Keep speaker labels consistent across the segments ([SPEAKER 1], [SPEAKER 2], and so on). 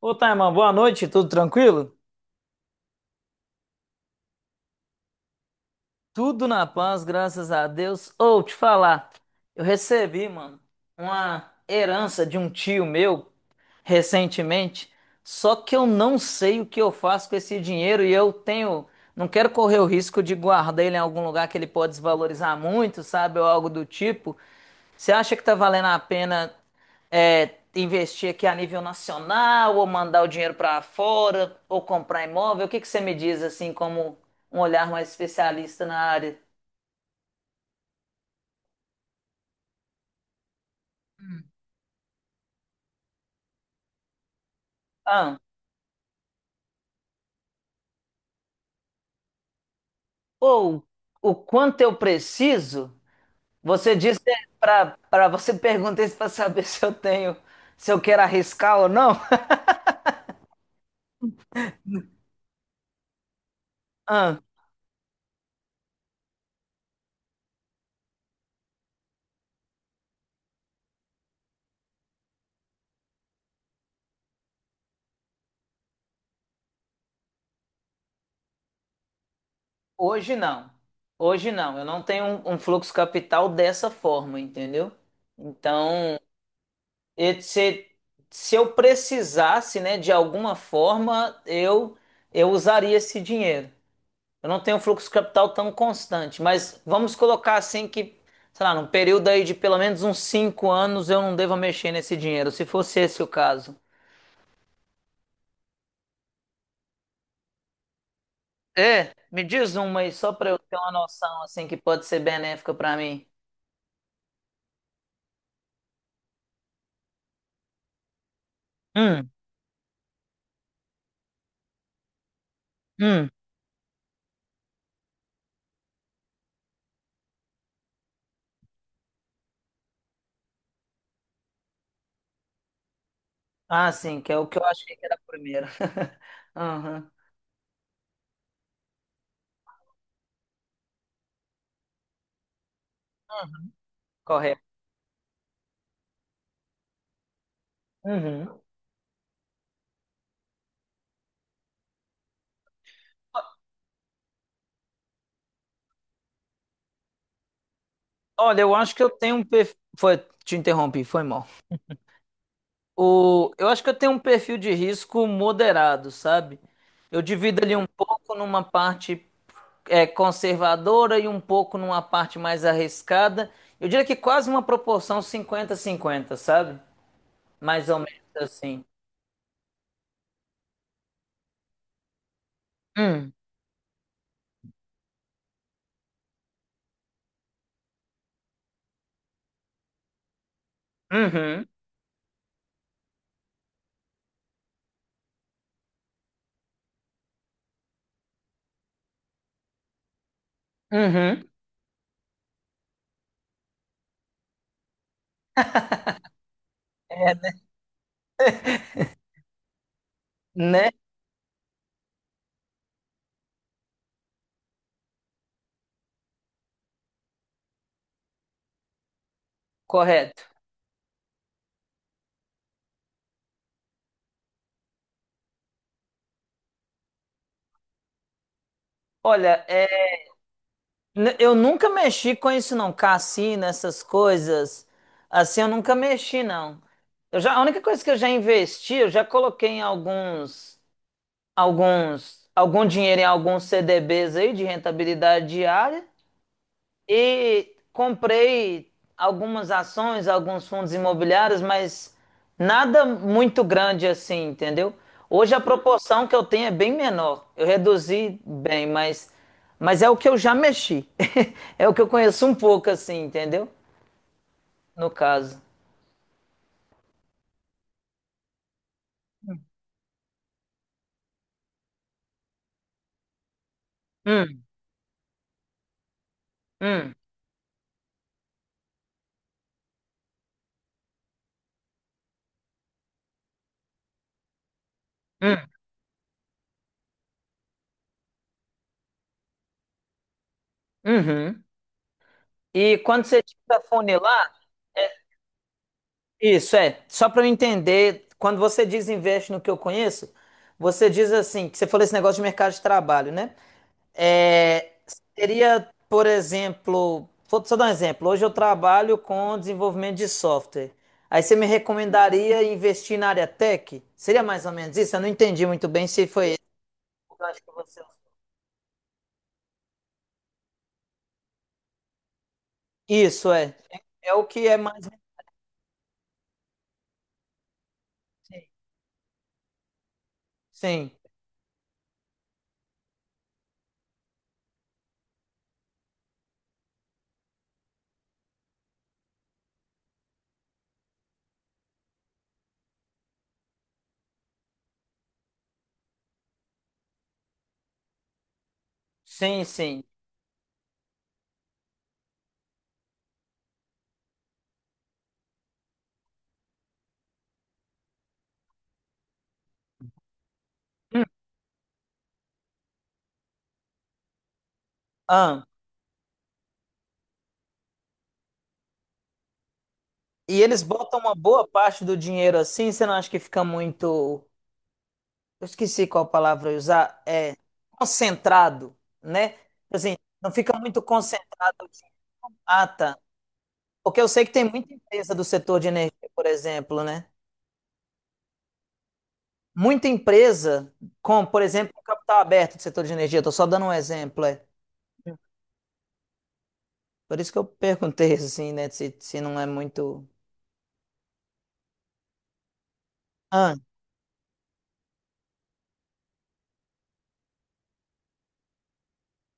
[SPEAKER 1] Ô, Taiman, boa noite, tudo tranquilo? Tudo na paz, graças a Deus. Ou te falar, eu recebi, mano, uma herança de um tio meu recentemente, só que eu não sei o que eu faço com esse dinheiro e eu tenho, não quero correr o risco de guardar ele em algum lugar que ele pode desvalorizar muito, sabe, ou algo do tipo. Você acha que tá valendo a pena investir aqui a nível nacional, ou mandar o dinheiro para fora, ou comprar imóvel? O que que você me diz assim, como um olhar mais especialista na área? Ah, ou o quanto eu preciso? Você disse para você perguntar isso para saber se eu tenho, se eu quero arriscar ou não? Ah, hoje não. Hoje não. Eu não tenho um fluxo capital dessa forma, entendeu? Então e se eu precisasse, né, de alguma forma, eu usaria esse dinheiro. Eu não tenho um fluxo de capital tão constante, mas vamos colocar assim que, sei lá, num período aí de pelo menos uns cinco anos eu não devo mexer nesse dinheiro, se fosse esse o caso. É, me diz uma aí, só para eu ter uma noção, assim, que pode ser benéfica para mim. Hum, hum. Ah, sim, que é o que eu achei que era a primeira. Aham, correto. Uhum. Olha, eu acho que eu tenho um perfil. Foi, te interrompi, foi mal. O... Eu acho que eu tenho um perfil de risco moderado, sabe? Eu divido ali um pouco numa parte conservadora e um pouco numa parte mais arriscada. Eu diria que quase uma proporção 50 cinquenta, sabe? Mais ou menos assim. Hum. Uhum. Uhum. É, né? Né? Correto. Olha, é, Eu nunca mexi com isso, não. Cassino, essas coisas. Assim, eu nunca mexi, não. Eu já, a única coisa que eu já investi, eu já coloquei em algum dinheiro em alguns CDBs aí de rentabilidade diária. E comprei algumas ações, alguns fundos imobiliários, mas nada muito grande assim, entendeu? Hoje a proporção que eu tenho é bem menor. Eu reduzi bem, mas é o que eu já mexi. É o que eu conheço um pouco assim, entendeu? No caso. Hum, hum, hum, uhum. E quando você tira a funilar, é, isso é, só para eu entender, quando você diz investe no que eu conheço, você diz assim, que você falou esse negócio de mercado de trabalho, né? É, seria, por exemplo, vou só dar um exemplo. Hoje eu trabalho com desenvolvimento de software. Aí você me recomendaria investir na área tech? Seria mais ou menos isso? Eu não entendi muito bem se foi esse o gancho que você usou. Isso é, é o que é mais recente. Sim, sim, sim. Hum. Ah. E eles botam uma boa parte do dinheiro assim, você não acha que fica muito. Eu esqueci qual palavra eu ia usar. É concentrado, né? Tipo assim, não fica muito concentrado, assim. Ah, tá. Porque eu sei que tem muita empresa do setor de energia, por exemplo, né? Muita empresa com, por exemplo, um capital aberto do setor de energia. Estou só dando um exemplo, é. Por isso que eu perguntei assim, né? Se não é muito. Ah,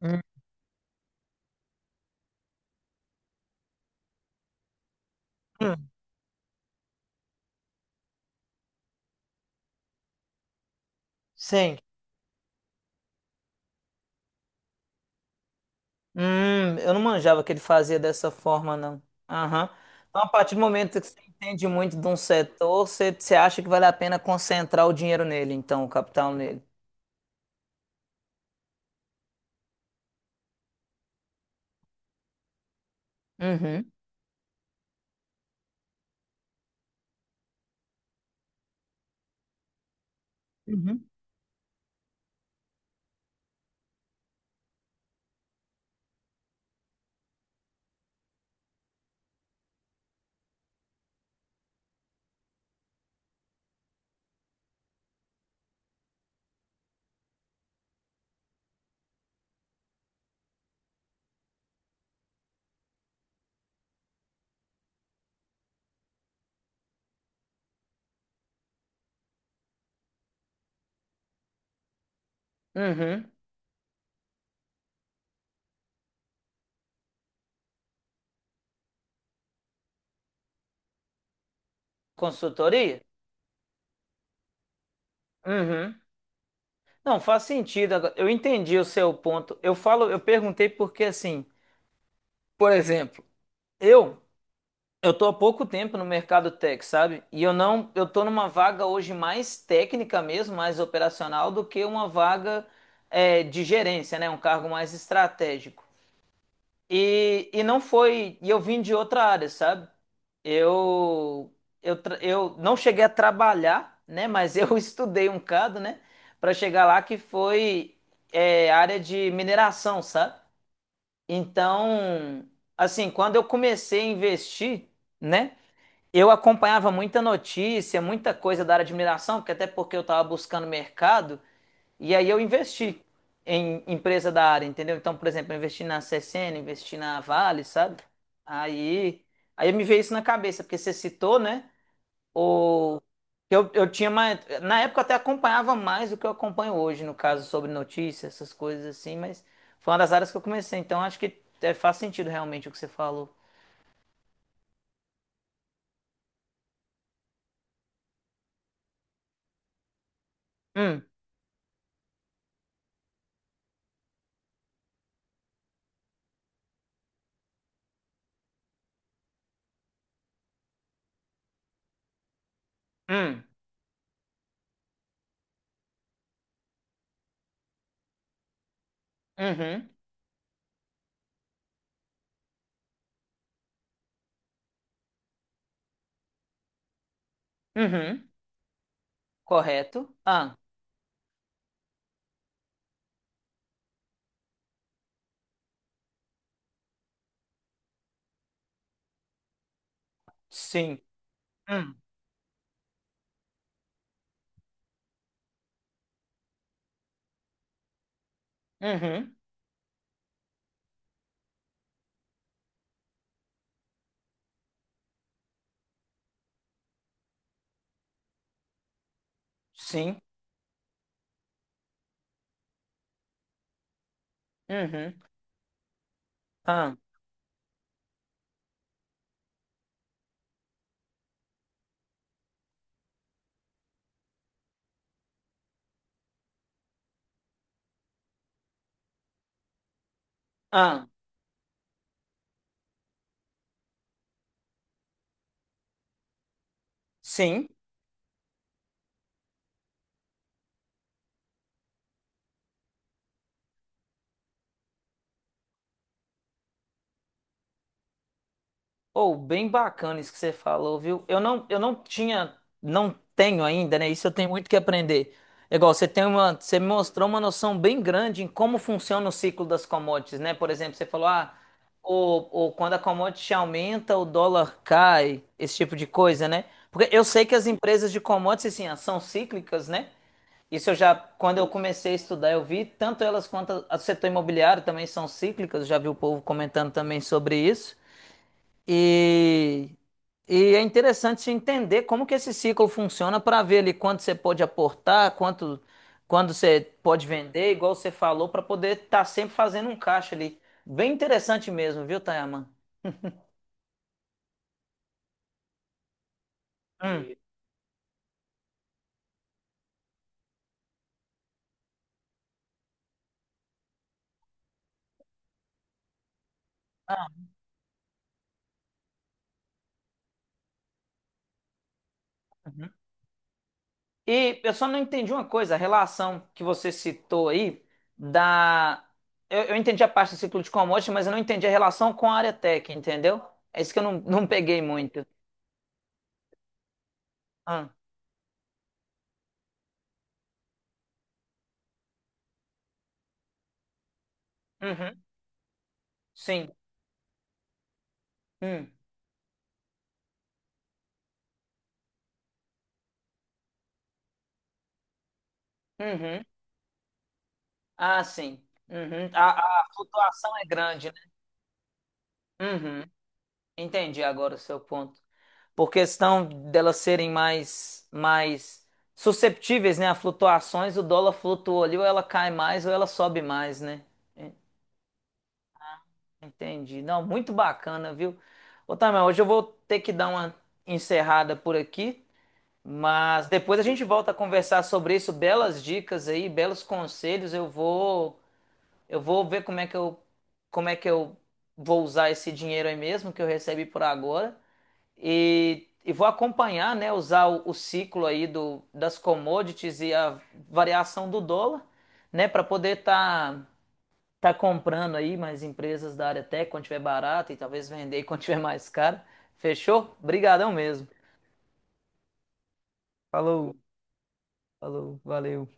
[SPEAKER 1] hum, hum, sim. Eu não manjava que ele fazia dessa forma, não. Aham. Então, a partir do momento que você entende muito de um setor, você acha que vale a pena concentrar o dinheiro nele, então, o capital nele. Uhum. Uhum. Uhum. Consultoria? Uhum. Não, faz sentido agora. Eu entendi o seu ponto. Eu perguntei porque assim, por exemplo, eu eu tô há pouco tempo no mercado tech, sabe? E eu não, eu tô numa vaga hoje mais técnica mesmo, mais operacional do que uma vaga de gerência, né? Um cargo mais estratégico. E não foi, e eu vim de outra área, sabe? Eu, eu não cheguei a trabalhar, né? Mas eu estudei um bocado, né? Para chegar lá que foi área de mineração, sabe? Então, assim, quando eu comecei a investir, né? Eu acompanhava muita notícia, muita coisa da área de mineração, porque até porque eu estava buscando mercado, e aí eu investi em empresa da área, entendeu? Então, por exemplo, eu investi na CSN, investi na Vale, sabe? Aí, aí me veio isso na cabeça, porque você citou, né? O, eu tinha mais. Na época eu até acompanhava mais do que eu acompanho hoje, no caso, sobre notícias, essas coisas assim, mas foi uma das áreas que eu comecei, então acho que faz sentido realmente o que você falou. Hum, hum, uhum, uhum. Correto? Ah, sim. Hum. Uhum. Sim. Uhum. Ah, ah, sim. Ou bem bacana isso que você falou, viu? Eu não tinha, não tenho ainda, né? Isso eu tenho muito que aprender. É igual você tem uma, você me mostrou uma noção bem grande em como funciona o ciclo das commodities, né? Por exemplo, você falou, ah, ou quando a commodity aumenta, o dólar cai, esse tipo de coisa, né? Porque eu sei que as empresas de commodities, assim, ah, são cíclicas, né? Isso eu já, quando eu comecei a estudar, eu vi tanto elas quanto o setor imobiliário também são cíclicas, já vi o povo comentando também sobre isso. E, e é interessante entender como que esse ciclo funciona para ver ali quanto você pode aportar, quanto quando você pode vender, igual você falou, para poder estar sempre fazendo um caixa ali. Bem interessante mesmo, viu, Tayaman? Hum. E eu só não entendi uma coisa, a relação que você citou aí da. Eu entendi a parte do ciclo de commodities, mas eu não entendi a relação com a área tech, entendeu? É isso que eu não, não peguei muito. Ah, uhum, sim. Hum, uhum. Ah, sim. Uhum. A flutuação é grande, né? Uhum. Entendi agora o seu ponto. Por questão delas serem mais susceptíveis, né, a flutuações, o dólar flutua ali, ou ela cai mais, ou ela sobe mais, né? Entendi. Não, muito bacana, viu? Ô, Tamel, hoje eu vou ter que dar uma encerrada por aqui, mas depois a gente volta a conversar sobre isso, belas dicas aí, belos conselhos. Eu vou ver como é que eu vou usar esse dinheiro aí mesmo que eu recebi por agora e vou acompanhar, né, usar o ciclo aí das commodities e a variação do dólar, né, para poder estar tá comprando aí mais empresas da área tech quando tiver barato e talvez vender quando tiver mais caro. Fechou? Brigadão mesmo. Falou, falou, valeu.